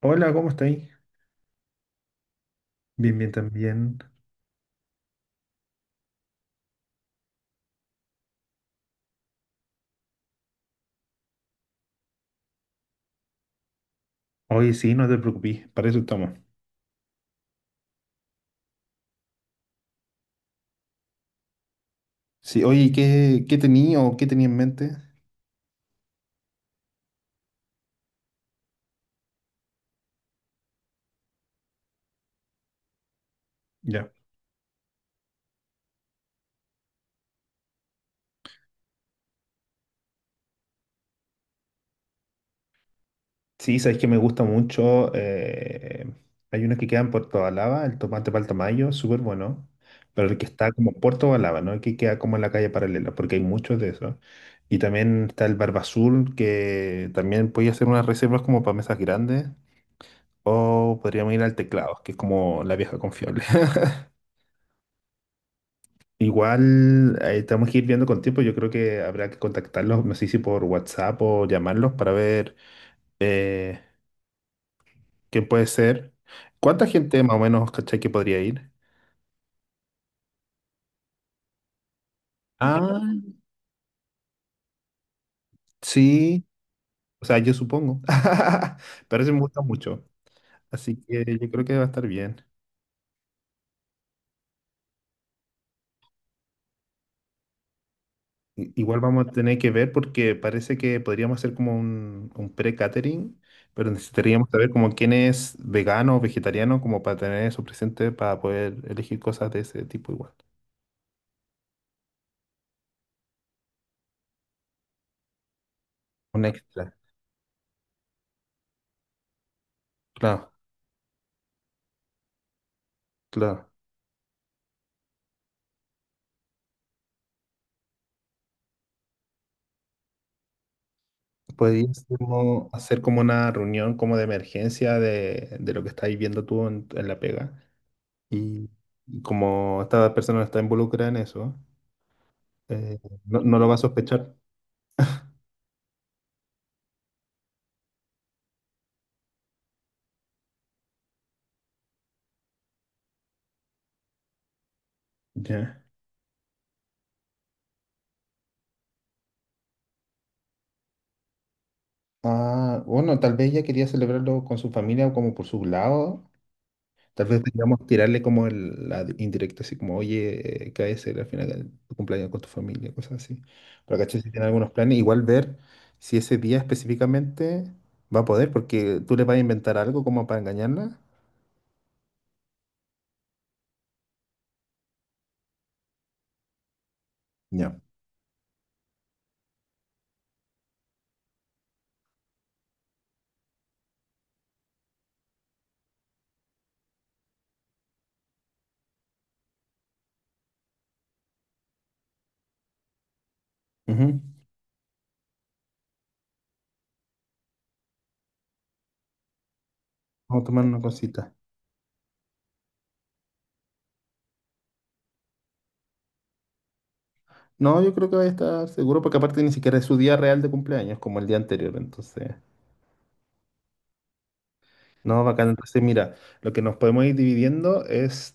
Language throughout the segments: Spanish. Hola, ¿cómo estáis? Bien, bien también. Oye, sí, no te preocupes, para eso estamos. Sí, oye, ¿qué tenía o qué tenía en mente? Ya. Sí, sabéis que me gusta mucho. Hay uno que queda en Puerto Balaba, el tomate Paltamayo, súper bueno. Pero el que está como en Puerto Balaba, ¿no? El que queda como en la calle paralela, porque hay muchos de esos. Y también está el Barbazul, que también podía hacer unas reservas como para mesas grandes. O podríamos ir al Teclados, que es como la vieja confiable. Igual tenemos que ir viendo con tiempo. Yo creo que habrá que contactarlos, no sé si por WhatsApp o llamarlos para ver eh, quién puede ser. ¿Cuánta gente más o menos, cachai, que podría ir? Ah, sí. O sea, yo supongo. Pero se me gusta mucho. Así que yo creo que va a estar bien. Igual vamos a tener que ver porque parece que podríamos hacer como un pre-catering, pero necesitaríamos saber como quién es vegano o vegetariano como para tener eso presente para poder elegir cosas de ese tipo igual. Un extra. Claro, claro. Podríamos como hacer como una reunión como de emergencia de lo que estás viviendo tú en la pega y, y como esta persona no está involucrada en eso, eh, no lo va a sospechar. Ya. Ah, bueno, tal vez ella quería celebrarlo con su familia o como por su lado. Tal vez digamos tirarle como la indirecta, así como, oye, cae ser al final de tu cumpleaños con tu familia, cosas así. Pero caché si tiene algunos planes, igual ver si ese día específicamente va a poder, porque tú le vas a inventar algo como para engañarla. Ya. Ujú. Vamos a tomar una cosita. No, yo creo que va a estar seguro, porque aparte ni siquiera es su día real de cumpleaños, como el día anterior, entonces. No, bacán. Entonces, mira, lo que nos podemos ir dividiendo es.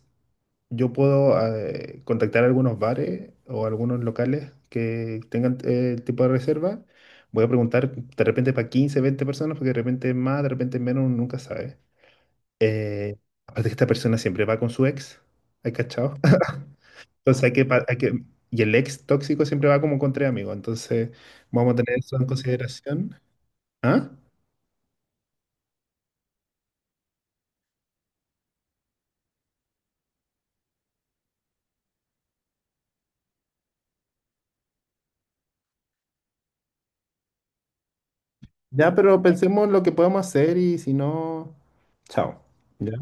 Yo puedo contactar a algunos bares o algunos locales que tengan el tipo de reserva. Voy a preguntar de repente para 15, 20 personas, porque de repente más, de repente menos, uno nunca sabe. Eh, Aparte que esta persona siempre va con su ex, ¿hay cachado? Entonces hay que, hay que... Y el ex tóxico siempre va como con tres amigos, entonces vamos a tener eso en consideración. ¿Ah? Ya, pero pensemos lo que podemos hacer y si no, chao. ¿Ya?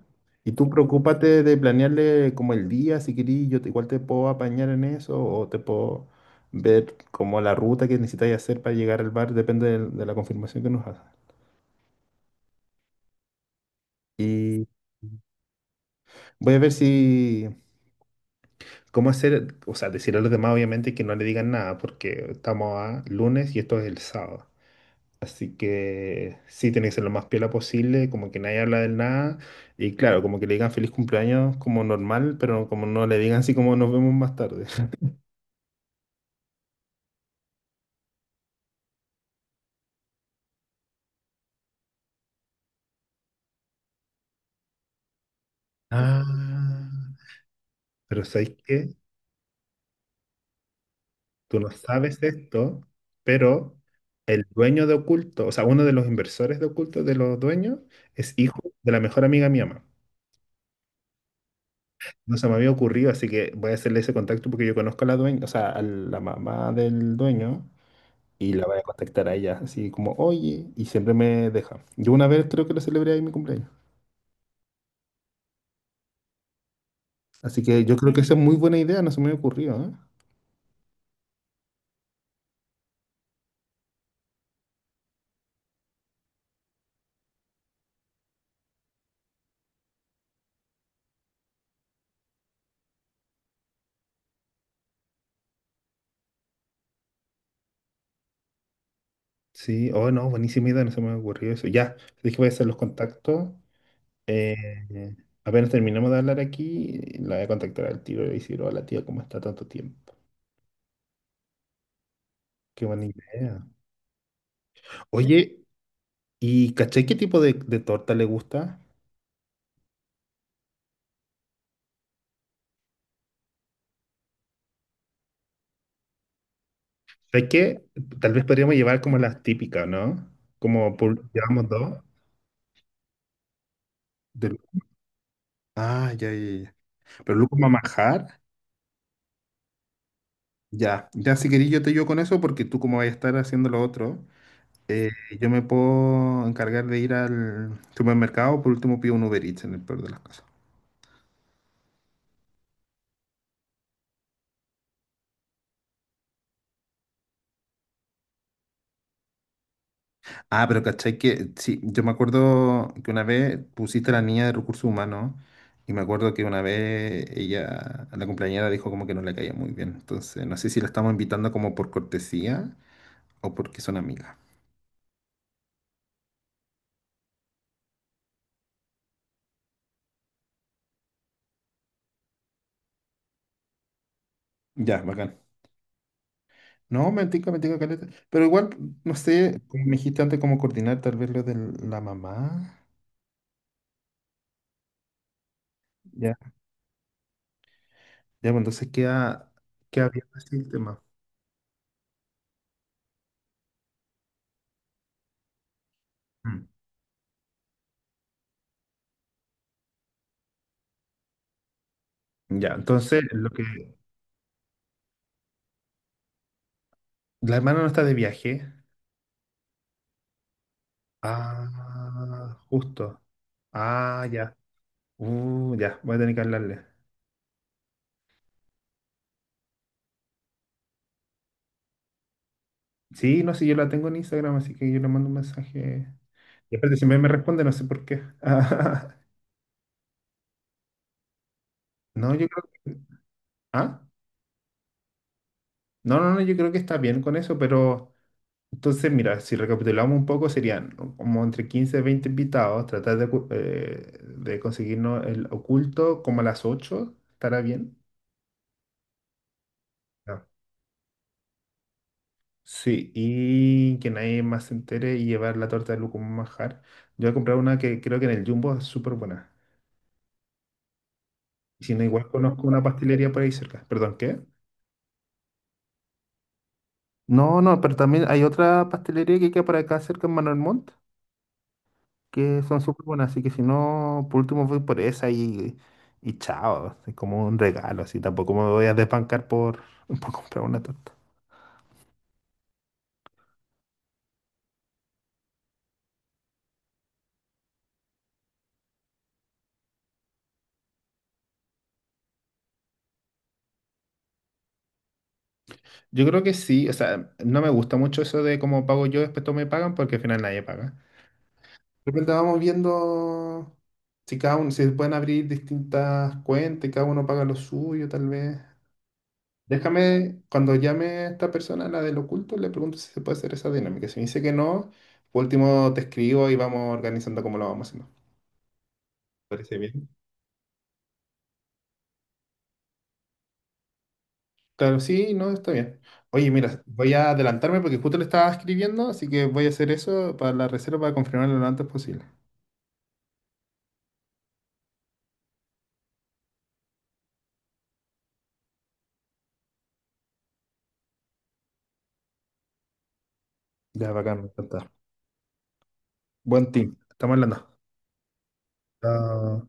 Y tú preocúpate de planearle como el día, si querís, yo igual te puedo apañar en eso o te puedo ver como la ruta que necesitáis hacer para llegar al bar, depende de la confirmación que nos hagas. Y voy a ver si, cómo hacer, o sea, decirle a los demás obviamente que no le digan nada porque estamos a lunes y esto es el sábado. Así que sí, tiene que ser lo más piola posible, como que nadie habla del nada. Y claro, como que le digan feliz cumpleaños como normal, pero como no le digan así como nos vemos más tarde. Ah, ¿pero sabes qué? Tú no sabes esto, pero el dueño de Oculto, o sea, uno de los inversores de Oculto, de los dueños, es hijo de la mejor amiga de mi mamá. No se me había ocurrido, así que voy a hacerle ese contacto porque yo conozco a la dueña, o sea, a la mamá del dueño, y la voy a contactar a ella, así como, oye, y siempre me deja. Yo una vez creo que le celebré ahí mi cumpleaños. Así que yo creo que esa es muy buena idea, no se me había ocurrido, ¿eh? Sí, oh no, buenísima idea, no se me había ocurrido eso. Ya, dije voy a hacer los contactos. eh, Apenas terminamos de hablar aquí, la voy a contactar al tiro y le decir, hola tía, ¿cómo está tanto tiempo? Qué buena idea. Oye, ¿y caché qué tipo de torta le gusta? Sé que tal vez podríamos llevar como las típicas, ¿no? Como llevamos dos. de- Ah, ya. Pero Lucas Mamajar, ya si querís yo te ayudo con eso porque tú como vas a estar haciendo lo otro, eh, yo me puedo encargar de ir al supermercado, por último pido un Uber Eats en el peor de las cosas. Ah, pero cachai que, sí, yo me acuerdo que una vez pusiste a la niña de recursos humanos y me acuerdo que una vez ella, la compañera dijo como que no le caía muy bien. Entonces, no sé si la estamos invitando como por cortesía o porque son amigas. Ya, bacán. No, me tinca caleta. Pero igual, no sé, como me dijiste antes, cómo coordinar tal vez lo de la mamá. Ya, ya, bueno, entonces queda, queda bien así el tema. Mm. Ya, entonces, lo que... La hermana no está de viaje. Ah, justo. Ah, ya. Ya, voy a tener que hablarle. Sí, no sé, yo la tengo en Instagram, así que yo le mando un mensaje. Y aparte, siempre me responde, no sé por qué. No, yo creo que... Ah, no, no, no, yo creo que está bien con eso, pero... Entonces, mira, si recapitulamos un poco, serían como entre 15 y 20 invitados, tratar de, de conseguirnos el oculto como a las ocho. ¿Estará bien? Ya. Sí, y que nadie más se entere y llevar la torta de Lu como un manjar. Yo voy a comprar una que creo que en el Jumbo es súper buena. Y si no, igual conozco una pastelería por ahí cerca. ¿Perdón, qué? No, no, pero también hay otra pastelería que queda por acá cerca en Manuel Montt, que son súper buenas, así que si no, por último voy por esa y chao, es como un regalo, así tampoco me voy a desbancar por, por comprar una torta. Yo creo que sí, o sea, no me gusta mucho eso de cómo pago yo, después todos me pagan, porque al final nadie paga. De repente vamos viendo si cada uno, si se pueden abrir distintas cuentas y cada uno paga lo suyo, tal vez. Déjame, cuando llame a esta persona, la del oculto, le pregunto si se puede hacer esa dinámica. Si me dice que no, por último te escribo y vamos organizando cómo lo vamos haciendo. Parece bien. Claro, sí, no, está bien. Oye, mira, voy a adelantarme porque justo le estaba escribiendo, así que voy a hacer eso para la reserva para confirmarlo lo antes posible. Ya, bacán, me encanta. Buen team. Estamos hablando. Chao.